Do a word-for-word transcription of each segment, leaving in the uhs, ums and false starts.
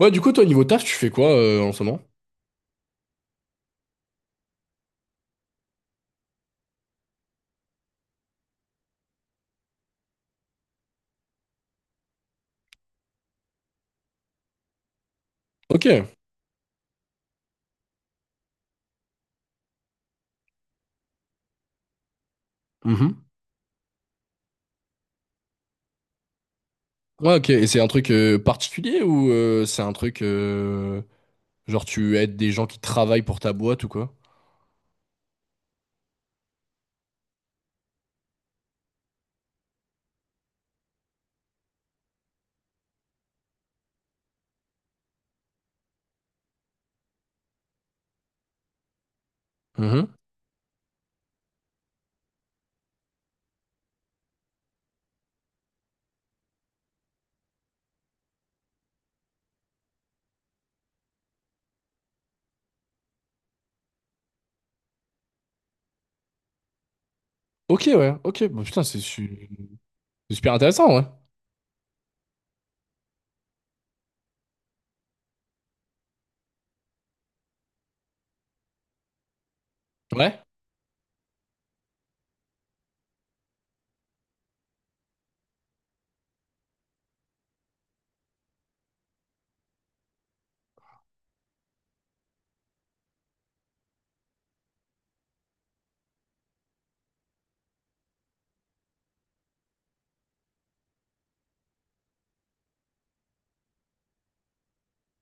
Ouais, du coup, toi, niveau taf, tu fais quoi euh, en ce moment? Ok. Mhm. Ouais, ok. Et c'est un truc euh, particulier ou euh, c'est un truc euh, genre tu aides des gens qui travaillent pour ta boîte ou quoi? Mhm. Ok, ouais. Ok. Bah, putain, c'est su- c'est super intéressant, ouais. Ouais.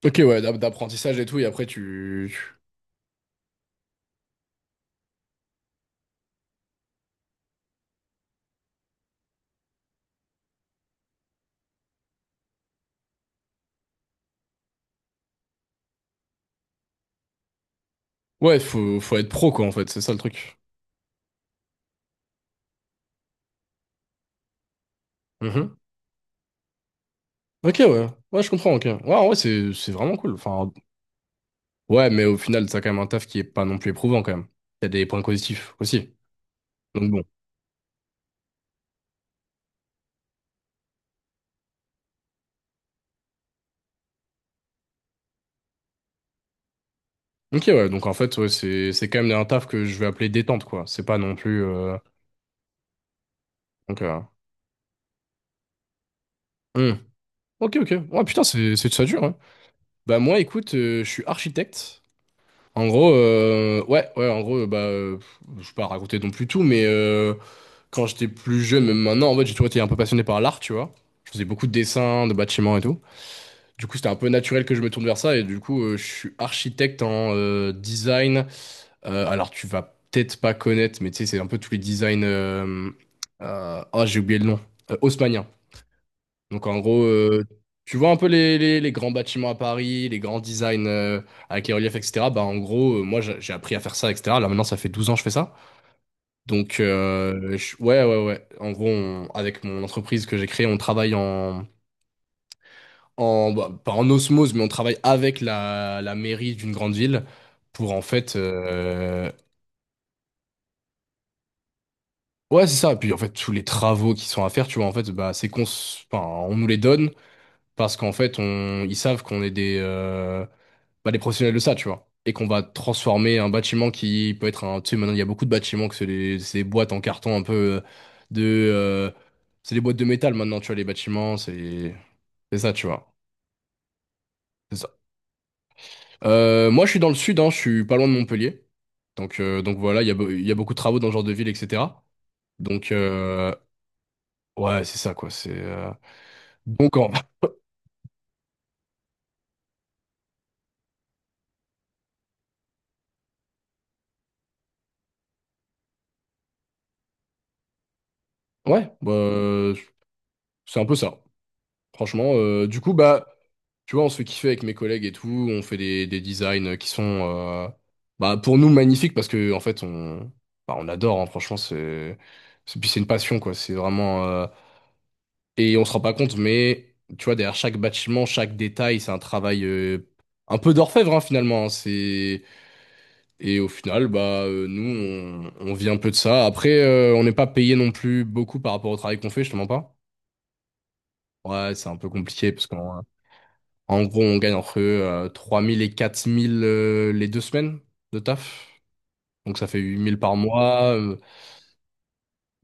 Ok, ouais, d'ap- d'apprentissage et tout. Et après, tu. Ouais, faut, faut être pro, quoi, en fait. C'est ça le truc. Mhm. Ok, ouais. Ouais, je comprends, ok. Ouais, en vrai, c'est c'est vraiment cool. Enfin, ouais, mais au final, t'as quand même un taf qui est pas non plus éprouvant, quand même. Il y a des points positifs aussi. Donc bon. Ok, ouais, donc en fait, ouais, c'est c'est quand même un taf que je vais appeler détente, quoi. C'est pas non plus. euh, Donc, euh, hmm. Ok, ok. Ouais, putain, c'est c'est ça dur, hein. Bah, moi, écoute, euh, je suis architecte. En gros, euh, ouais, ouais, en gros, bah, euh, pff, je vais pas raconter non plus tout, mais euh, quand j'étais plus jeune, même maintenant, en fait, j'ai toujours été un peu passionné par l'art, tu vois. Je faisais beaucoup de dessins, de bâtiments et tout. Du coup, c'était un peu naturel que je me tourne vers ça, et du coup, euh, je suis architecte en euh, design. Euh, alors, tu vas peut-être pas connaître, mais tu sais, c'est un peu tous les designs. Euh, euh, ah, j'ai oublié le nom. Euh, haussmannien. Donc, en gros, euh, tu vois un peu les, les- les grands bâtiments à Paris, les grands designs euh, avec les reliefs, et cetera. Bah, en gros, euh, moi, j'ai j'ai appris à faire ça, et cetera. Là, maintenant, ça fait douze ans que je fais ça. Donc, euh, je- ouais, ouais, ouais. En gros, on- avec mon entreprise que j'ai créée, on travaille en, en- bah, pas en osmose, mais on travaille avec la, la mairie d'une grande ville pour, en fait, euh, Ouais, c'est ça. Puis en fait, tous les travaux qui sont à faire, tu vois, en fait, bah, c'est qu'on s- enfin, on nous les donne parce qu'en fait, on, ils savent qu'on est des, euh, bah, des professionnels de ça, tu vois. Et qu'on va transformer un bâtiment qui peut être un. Tu sais, maintenant, il y a beaucoup de bâtiments que c'est des- ces boîtes en carton un peu euh, de. euh, c'est des boîtes de métal maintenant, tu vois, les bâtiments, c'est c'est ça, tu vois. C'est ça. Euh, moi, je suis dans le sud, hein, je suis pas loin de Montpellier. Donc, euh, donc voilà, il y a, be- il y a beaucoup de travaux dans ce genre de ville, et cetera. Donc, euh, ouais, c'est ça, quoi. C'est. euh, donc, en, Ouais, bah, euh, c'est un peu ça. Franchement, euh, du coup, bah, tu vois, on se fait kiffer avec mes collègues et tout. On fait des, des designs qui sont, euh, bah, pour nous magnifiques parce que en fait, on, bah, on adore. Hein. Franchement, c'est, c'est- puis c'est une passion, quoi. C'est vraiment, euh, et on se rend pas compte, mais tu vois, derrière chaque bâtiment, chaque détail, c'est un travail euh, un peu d'orfèvre hein, finalement. Hein. c'est Et au final, bah, euh, nous, on, on vit un peu de ça. Après, euh, on n'est pas payé non plus beaucoup par rapport au travail qu'on fait. Je te mens pas. Ouais, c'est un peu compliqué parce qu'en en gros, on gagne entre euh, trois mille et quatre mille euh, les deux semaines de taf. Donc ça fait huit mille par mois. euh.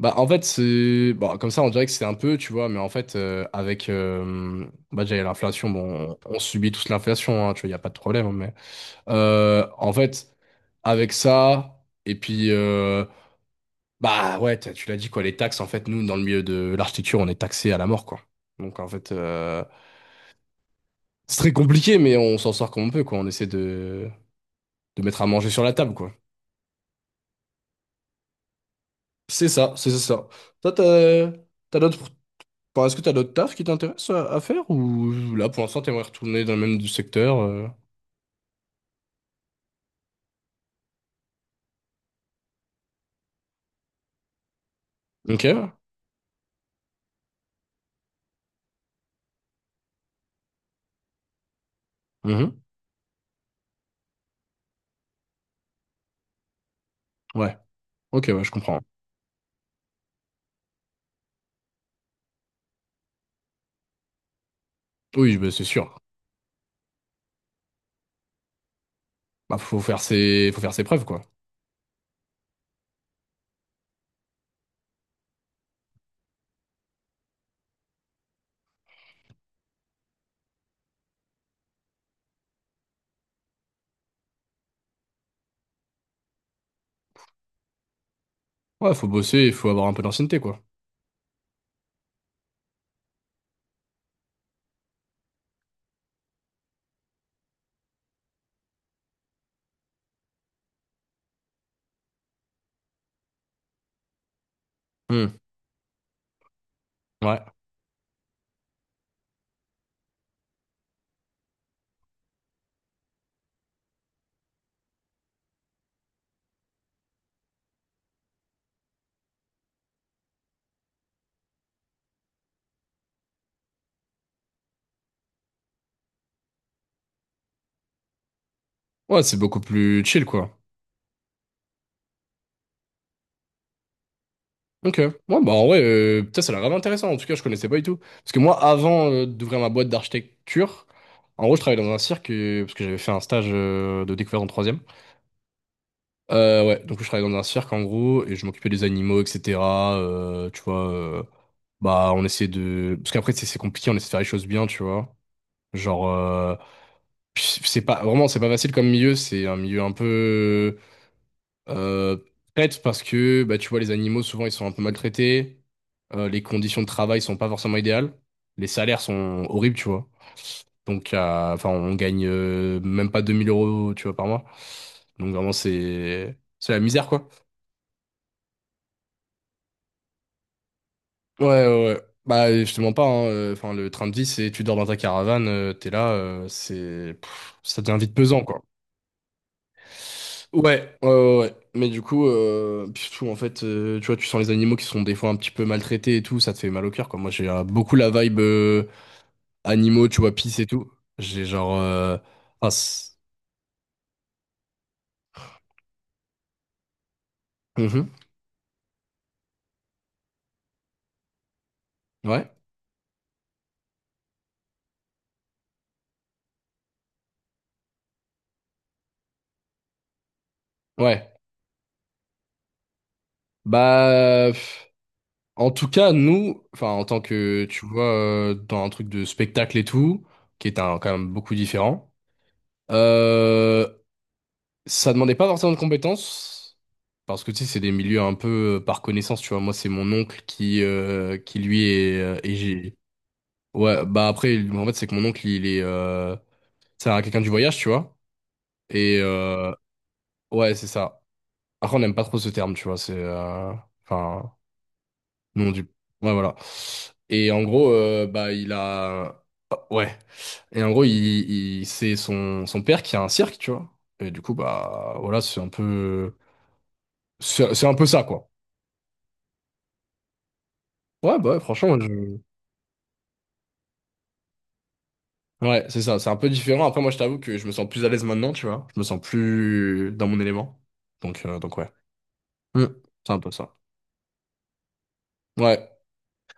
Bah en fait, c'est bon, comme ça on dirait que c'est un peu, tu vois, mais en fait euh, avec euh, bah déjà il y a l'inflation, bon, on, on subit tous l'inflation hein, tu vois, il y a pas de problème, hein, mais euh, en fait avec ça et puis euh, bah ouais, t'as- tu l'as dit quoi, les taxes en fait, nous dans le milieu de l'architecture, on est taxé à la mort quoi. Donc en fait euh, c'est très compliqué, mais on s'en sort comme on peut, quoi. On essaie de, de mettre à manger sur la table, quoi. C'est ça, c'est c'est ça. Toi, t'as, t'as d'autres, enfin, est-ce que t'as d'autres tafs qui t'intéressent à, à faire ou là, pour l'instant, t'aimerais retourner dans le même du secteur euh, Ok. Mhm. Ouais. Ok, ouais, je comprends. Oui, bah, c'est sûr. Bah, faut faire ses, faut faire ses preuves, quoi. Ouais, faut bosser, il faut avoir un peu d'ancienneté, quoi. Hmm. Ouais. Ouais, c'est beaucoup plus chill, quoi. Ok. Ouais, bah en vrai, euh, putain, ça a l'air grave intéressant. En tout cas, je connaissais pas du tout. Parce que moi, avant euh, d'ouvrir ma boîte d'architecture, en gros, je travaillais dans un cirque euh, parce que j'avais fait un stage euh, de découverte en troisième. Euh, ouais, donc je travaillais dans un cirque en gros et je m'occupais des animaux, et cetera euh, Tu vois, euh, bah on essaie de, parce qu'après c'est c'est compliqué, on essaie de faire les choses bien, tu vois. Genre, euh, c'est pas vraiment, c'est pas facile comme milieu. C'est un milieu un peu euh, traite parce que bah, tu vois, les animaux, souvent, ils sont un peu maltraités. Euh, les conditions de travail sont pas forcément idéales. Les salaires sont horribles, tu vois. Donc, euh, enfin, on gagne euh, même pas deux mille euros, tu vois, par mois. Donc, vraiment, c'est c'est la misère, quoi. Ouais, ouais, ouais. Bah, je te mens pas, hein. Euh, Enfin, le train de vie, c'est tu dors dans ta caravane, euh, t'es là, euh, c'est pff, ça devient vite pesant, quoi. Ouais, ouais, ouais. Ouais. Mais du coup, euh, puis surtout, en fait, euh, tu vois, tu sens les animaux qui sont des fois un petit peu maltraités et tout, ça te fait mal au cœur, quoi. Moi, j'ai euh, beaucoup la vibe euh, animaux, tu vois, pisse et tout. J'ai genre... euh, ah, c'est- Mhm. Ouais, ouais. Bah, pff, en tout cas, nous, enfin, en tant que, tu vois, euh, dans un truc de spectacle et tout, qui est un, quand même beaucoup différent, euh, Ça demandait pas forcément de compétences, parce que tu sais, c'est des milieux un peu euh, par connaissance, tu vois. Moi, c'est mon oncle qui, euh, qui lui est, euh, et j'ai... Ouais, bah après, en fait, c'est que mon oncle, il est... Euh... C'est un- quelqu'un du voyage, tu vois. Et euh, ouais, c'est ça. Après, on n'aime pas trop ce terme, tu vois. C'est... euh, Enfin, non, du... Ouais, voilà. Et en gros, euh, bah, il a... Oh, ouais. Et en gros, il, il- c'est son, son père qui a un cirque, tu vois. Et du coup, bah, voilà, c'est un peu... C'est c'est un peu ça, quoi. Ouais, bah, ouais, franchement, moi, je- ouais, c'est ça, c'est un peu différent. Après, moi, je t'avoue que je me sens plus à l'aise maintenant, tu vois. Je me sens plus dans mon élément. Donc, euh, donc ouais. Hmm. C'est un peu ça. Ouais.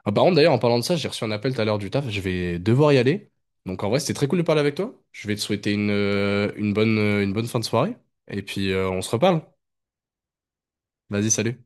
Ah, par contre, d'ailleurs, en parlant de ça, j'ai reçu un appel tout à l'heure du taf. Je vais devoir y aller. Donc, en vrai, c'était très cool de parler avec toi. Je vais te souhaiter une, euh, une bonne, euh, une bonne fin de soirée. Et puis, euh, on se reparle. Vas-y, salut.